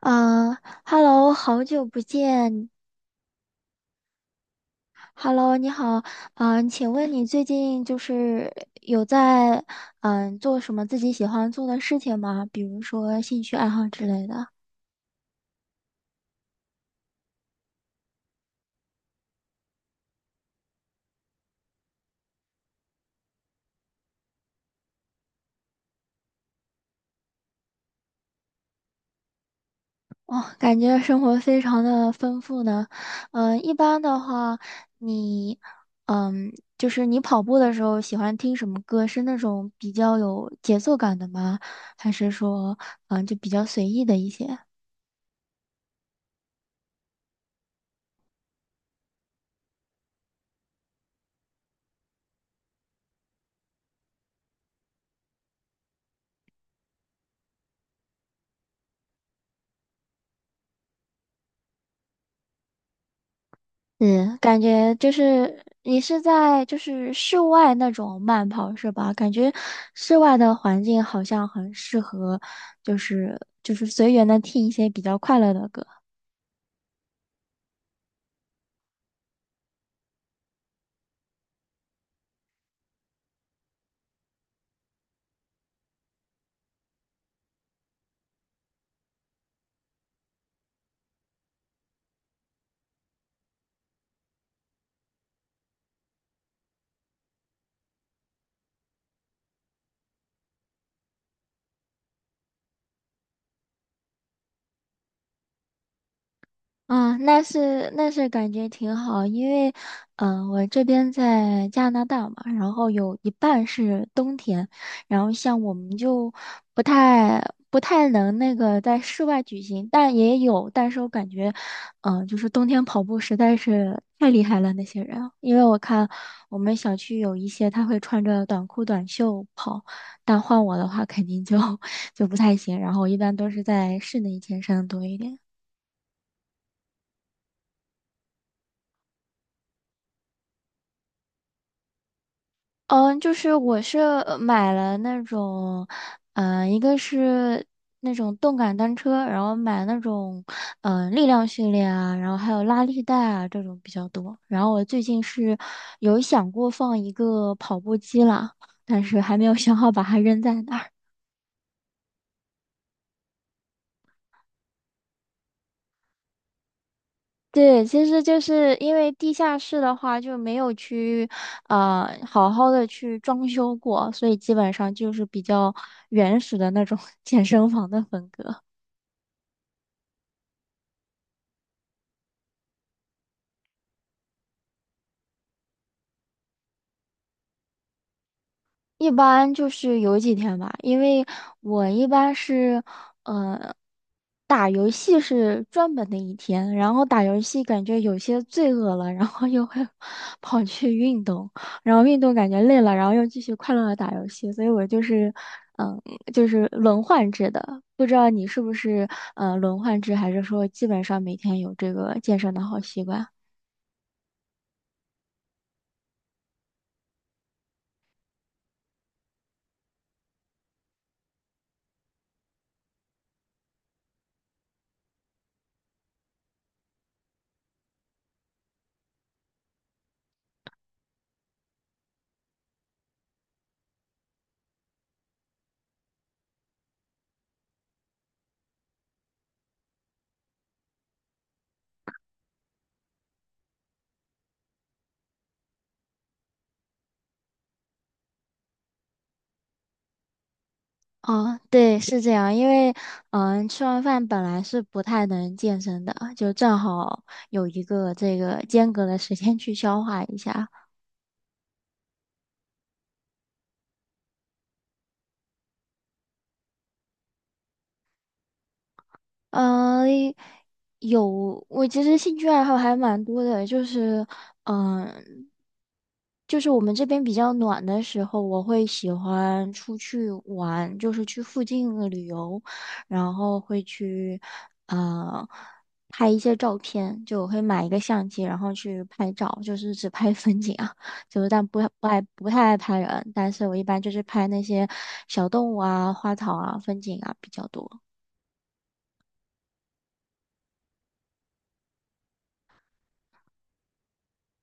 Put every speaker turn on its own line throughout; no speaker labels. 嗯，Hello，好久不见。Hello，你好。嗯，请问你最近就是有在做什么自己喜欢做的事情吗？比如说兴趣爱好之类的。哦，感觉生活非常的丰富呢。嗯，一般的话，你嗯就是你跑步的时候喜欢听什么歌？是那种比较有节奏感的吗？还是说就比较随意的一些？嗯，感觉就是你是在就是室外那种慢跑是吧？感觉室外的环境好像很适合，就是随缘的听一些比较快乐的歌。嗯，那是感觉挺好，因为，我这边在加拿大嘛，然后有一半是冬天，然后像我们就不太不太能那个在室外举行，但也有，但是我感觉，就是冬天跑步实在是太厉害了那些人，因为我看我们小区有一些他会穿着短裤短袖跑，但换我的话肯定就 就不太行，然后我一般都是在室内健身多一点。嗯，就是我是买了那种，一个是那种动感单车，然后买那种，力量训练啊，然后还有拉力带啊这种比较多。然后我最近是有想过放一个跑步机啦，但是还没有想好把它扔在哪儿。对，其实就是因为地下室的话就没有去，好好的去装修过，所以基本上就是比较原始的那种 健身房的风格。一般就是有几天吧，因为我一般是，呃，打游戏是专门的一天，然后打游戏感觉有些罪恶了，然后又会 跑去运动，然后运动感觉累了，然后又继续快乐的打游戏，所以我就是，嗯、就是轮换制的，不知道你是不是轮换制，还是说基本上每天有这个健身的好习惯？哦，对，是这样，因为吃完饭本来是不太能健身的，就正好有一个这个间隔的时间去消化一下。呃，有，我其实兴趣爱好还蛮多的，就是，嗯、就是我们这边比较暖的时候，我会喜欢出去玩，就是去附近的旅游，然后会去，呃，拍一些照片，就我会买一个相机，然后去拍照，就是只拍 风景啊，就是但不太爱拍人，但是我一般就是拍那些小动物啊、花草啊、风景啊比较多。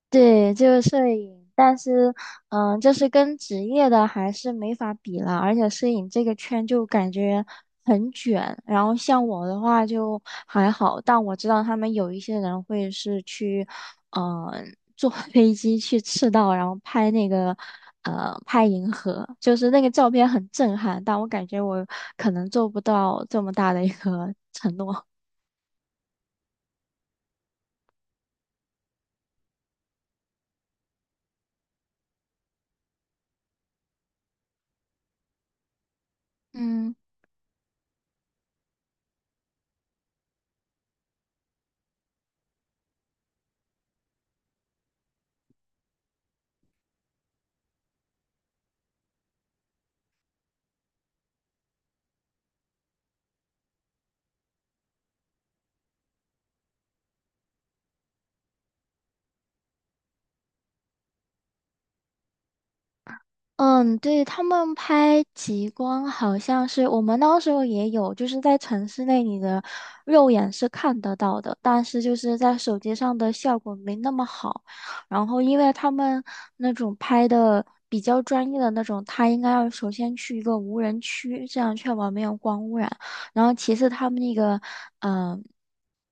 对，就是摄影，但是，就是跟职业的还是没法比了，而且摄影这个圈就感觉很卷，然后像我的话就还好，但我知道他们有一些人会是去，坐 飞机去赤道，然后拍那个，拍银河，就是那个照片很震撼，但我感觉我可能做不到这么大的一个 承诺。嗯。嗯，对，他们拍极光好像是我们那时候也有，就是在城市内你的肉眼是看得到的，但是就是在手机上的效果没那么好。然后因为他们那种拍的比较专业的那种，他应该要首先去一个无人区，这样确保没有光污染。然后其次他们那个，嗯。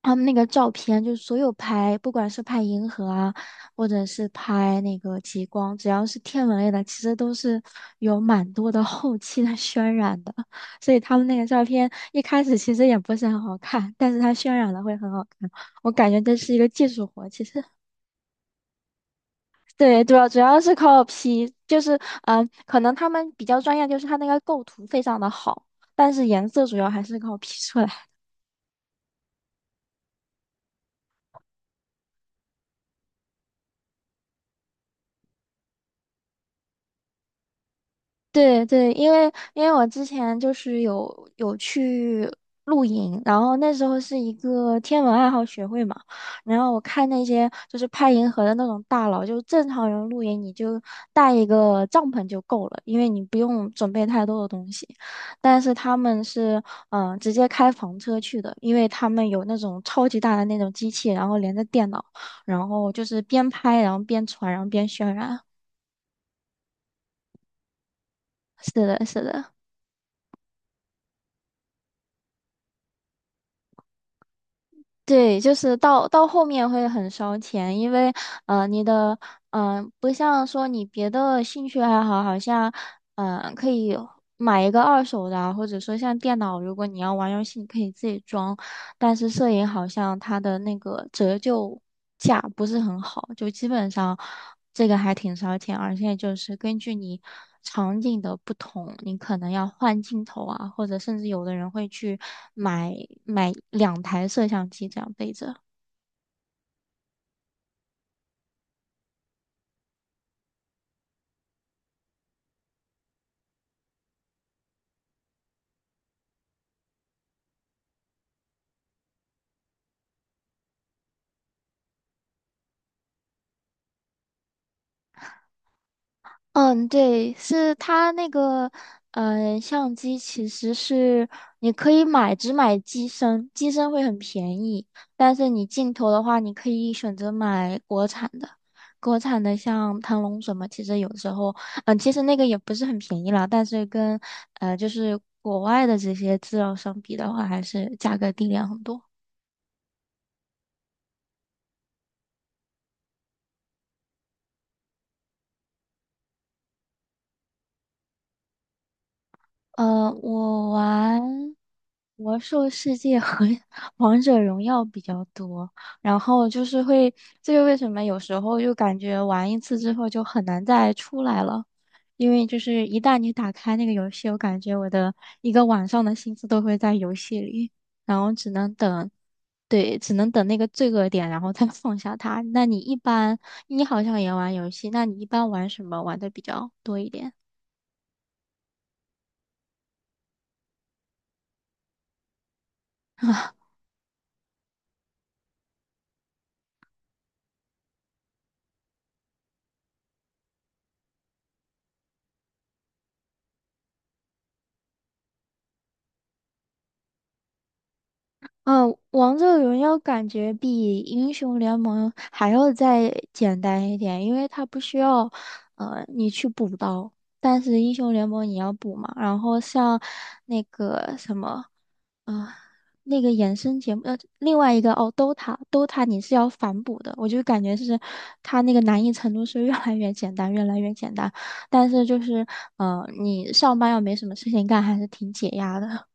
他们那个照片，就是所有拍，不管是拍银河啊，或者是拍那个极光，只要是天文类的，其实都是有蛮多的 后期的渲染的。所以他们那个照片一开始其实也不是很好看，但是它渲染的会很好看。我感觉这是一个技术活，其实。对，主要是靠 P，就是可能他们比较专业，就是他那个构图非常的好，但是颜色主要还是靠 P 出来。对对，因为我之前就是有去露营，然后那时候是一个天文爱好学会嘛，然后我看那些就是拍银河的那种大佬，就正常人露营你就带一个帐篷就够了，因为你不用准备太多的东西。但是他们是直接开房车去的，因为他们有那种超级大的那种机器，然后连着电脑，然后就是边拍然后边传，然后边渲染。是的，是的。对，就是到后面会很烧钱，因为你的不像说你别的兴趣爱好，好像可以买一个二手的啊或者说像电脑，如果你要玩游戏，你可以自己装。但是摄影好像它的那个折旧价不是很好，就基本上这个还挺烧钱，而且就是根据你场景的不同，你可能要换镜头啊，或者甚至有的人会去买买两台摄像机这样背着。嗯，对，是它那个，相机其实是你可以买，只买机身，机身会很便宜，但是你镜头的话，你可以选择买国产的，国产的像腾龙什么，其实有时候，其实那个也不是很便宜了。但是跟，就是国外的这些资料相比的话，还是价格低廉很多。我玩魔兽世界和 王者荣耀比较多，然后就是会，这个为什么有时候就感觉玩一次之后就很难再出来了，因为就是一旦你打开那个游戏，我感觉我的一个晚上的心思都会在游戏里，然后只能等，对，只能等那个罪恶点，然后再 放下它。那你一般，你好像也玩游戏，那你一般玩什么玩的比较多一点？嗯，王者荣耀感觉比英雄联盟还要再简单一点，因为它不需要，你去补刀，但是英雄联盟你要补嘛。然后像那个什么，啊、那个衍生节目，另外一个哦，DOTA，DOTA 你是要反补的，我就感觉是它那个难易程度是越来越简单，越来越简单。但是就是，你上班要没什么事情干，还是挺解压的。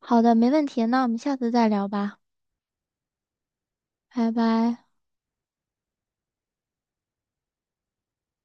好的，没问题，那我们下次再聊吧。拜拜。